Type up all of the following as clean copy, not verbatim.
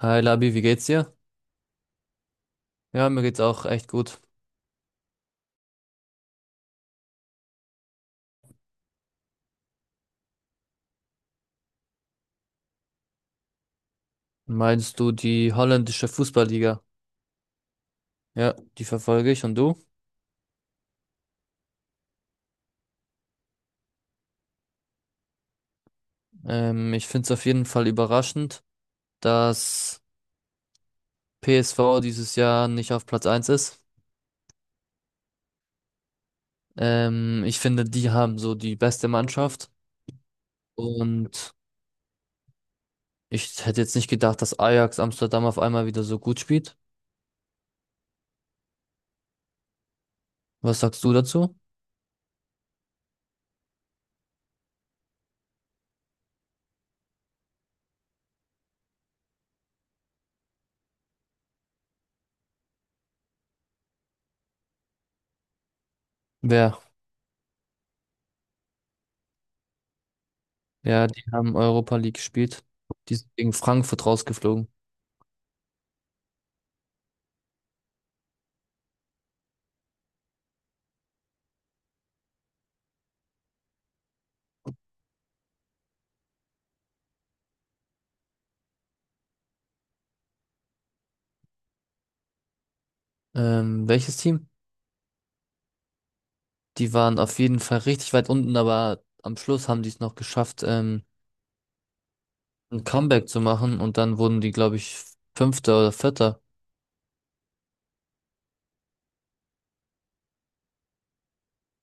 Hi Labi, wie geht's dir? Ja, mir geht's auch echt gut. Meinst du die holländische Fußballliga? Ja, die verfolge ich und du? Ich find's auf jeden Fall überraschend, dass PSV dieses Jahr nicht auf Platz eins ist. Ich finde, die haben so die beste Mannschaft und ich hätte jetzt nicht gedacht, dass Ajax Amsterdam auf einmal wieder so gut spielt. Was sagst du dazu? Wer? Ja, die haben Europa League gespielt. Die sind gegen Frankfurt rausgeflogen. Welches Team? Die waren auf jeden Fall richtig weit unten, aber am Schluss haben die es noch geschafft, ein Comeback zu machen und dann wurden die, glaube ich, Fünfter oder Vierter.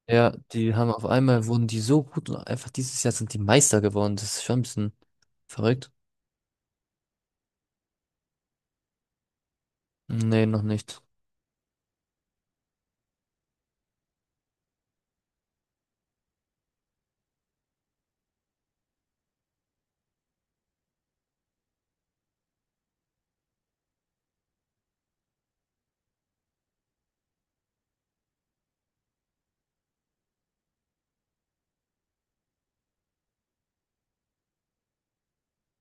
Ja, die haben auf einmal wurden die so gut und einfach dieses Jahr sind die Meister geworden. Das ist schon ein bisschen verrückt. Nee, noch nicht.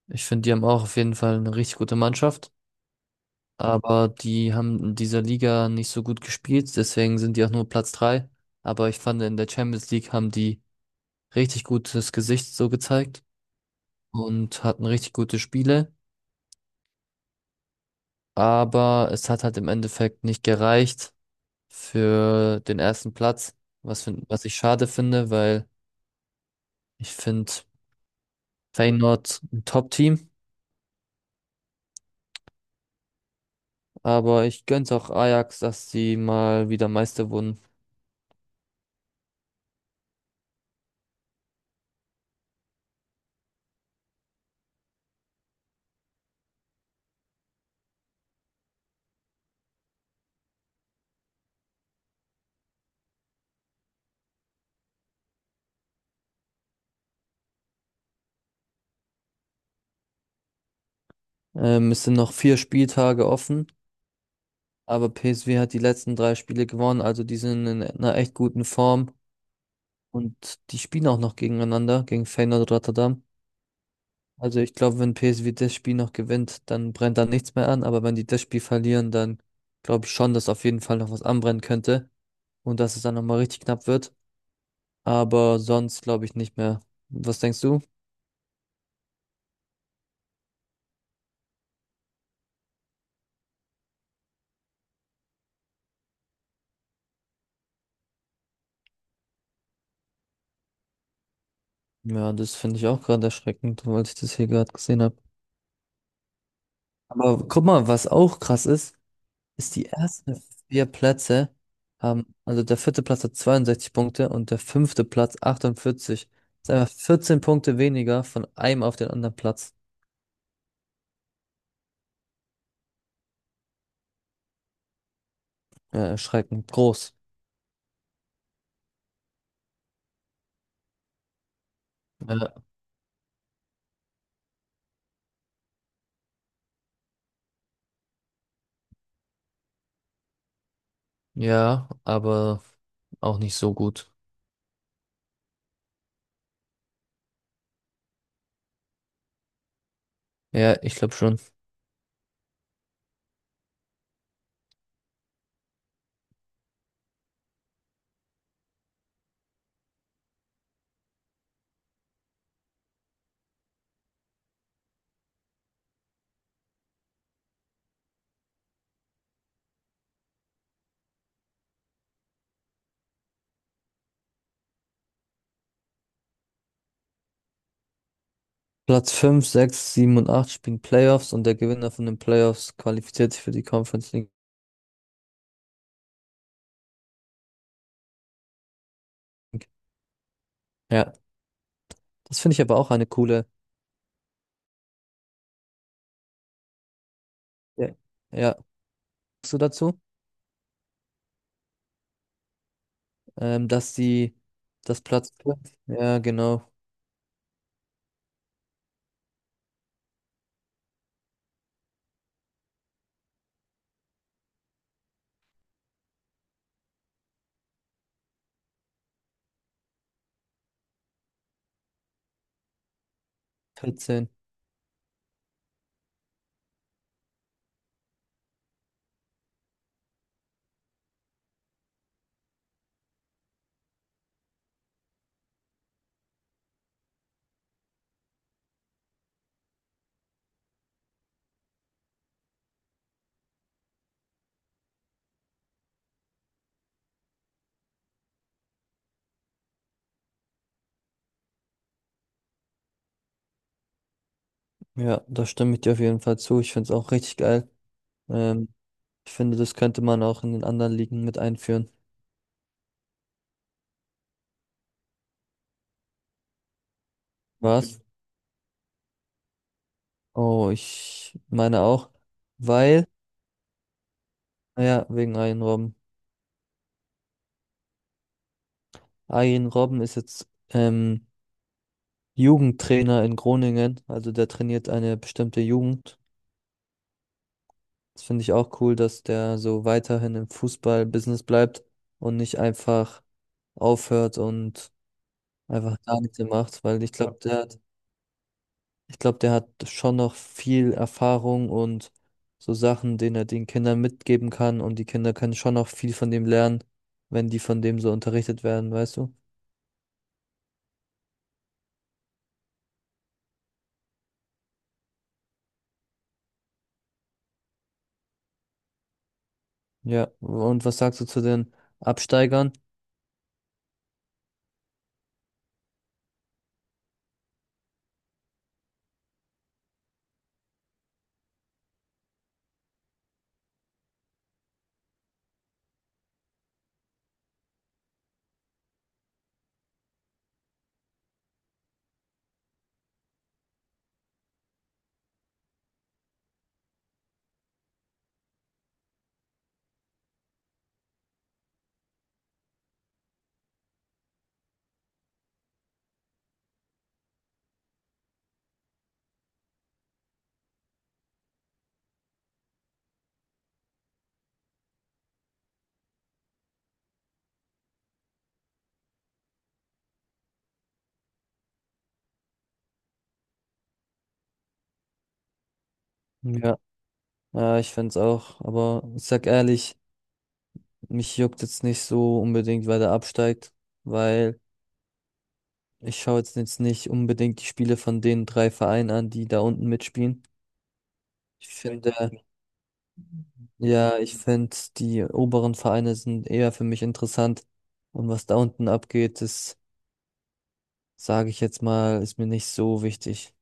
Ich finde, die haben auch auf jeden Fall eine richtig gute Mannschaft, aber die haben in dieser Liga nicht so gut gespielt, deswegen sind die auch nur Platz drei. Aber ich fand, in der Champions League haben die richtig gutes Gesicht so gezeigt und hatten richtig gute Spiele. Aber es hat halt im Endeffekt nicht gereicht für den ersten Platz, was ich schade finde, weil ich finde Feyenoord ein Top-Team, aber ich gönn's auch Ajax, dass sie mal wieder Meister wurden. Es sind noch vier Spieltage offen, aber PSV hat die letzten drei Spiele gewonnen, also die sind in einer echt guten Form und die spielen auch noch gegeneinander, gegen Feyenoord Rotterdam. Also ich glaube, wenn PSV das Spiel noch gewinnt, dann brennt da nichts mehr an. Aber wenn die das Spiel verlieren, dann glaube ich schon, dass auf jeden Fall noch was anbrennen könnte und dass es dann nochmal richtig knapp wird. Aber sonst glaube ich nicht mehr. Was denkst du? Ja, das finde ich auch gerade erschreckend, weil ich das hier gerade gesehen habe. Aber guck mal, was auch krass ist, ist die ersten vier Plätze haben, also der vierte Platz hat 62 Punkte und der fünfte Platz 48. Das ist einfach 14 Punkte weniger von einem auf den anderen Platz. Ja, erschreckend groß. Äh, ja, aber auch nicht so gut. Ja, ich glaube schon. Platz fünf, sechs, sieben und 8 spielen Playoffs und der Gewinner von den Playoffs qualifiziert sich für die Conference League. Ja, das finde ich aber auch eine coole. Ja. Ja, sagst du dazu? Dass die, das Platz 5? Ja, genau, 14. Ja, da stimme ich dir auf jeden Fall zu. Ich finde es auch richtig geil. Ähm, ich finde, das könnte man auch in den anderen Ligen mit einführen. Was? Oh, ich meine auch, weil ah ja, wegen Arjen Robben. Arjen Robben ist jetzt Jugendtrainer in Groningen, also der trainiert eine bestimmte Jugend. Das finde ich auch cool, dass der so weiterhin im Fußball-Business bleibt und nicht einfach aufhört und einfach gar nichts mehr macht, weil ich glaube, ich glaube, der hat schon noch viel Erfahrung und so Sachen, denen er den Kindern mitgeben kann und die Kinder können schon noch viel von dem lernen, wenn die von dem so unterrichtet werden, weißt du? Ja, und was sagst du zu den Absteigern? Hm. Ja, ja, ich find's auch, aber ich sag ehrlich, mich juckt jetzt nicht so unbedingt, wer da absteigt, weil ich schaue jetzt nicht unbedingt die Spiele von den drei Vereinen an, die da unten mitspielen. Ich finde, ja, ich finde, die oberen Vereine sind eher für mich interessant und was da unten abgeht, das sage ich jetzt mal, ist mir nicht so wichtig.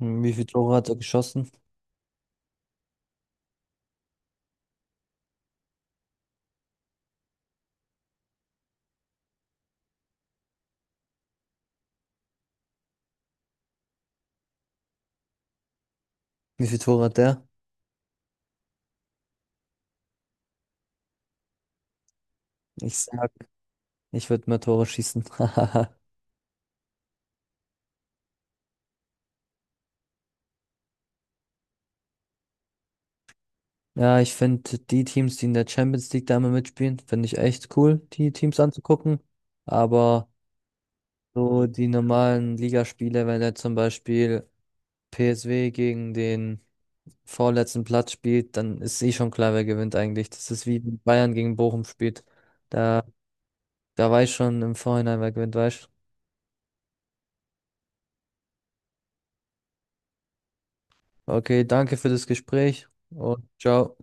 Hm, wie viele Tore hat er geschossen? Wie viele Tore hat der? Ich sag Ich würde mehr Tore schießen. Ja, ich finde die Teams, die in der Champions League da immer mitspielen, finde ich echt cool, die Teams anzugucken. Aber so die normalen Ligaspiele, wenn er zum Beispiel PSW gegen den vorletzten Platz spielt, dann ist eh schon klar, wer gewinnt eigentlich. Das ist wie wenn Bayern gegen Bochum spielt. Da, da weiß schon im Vorhinein, wer gewinnt, weißt. Okay, danke für das Gespräch und ciao.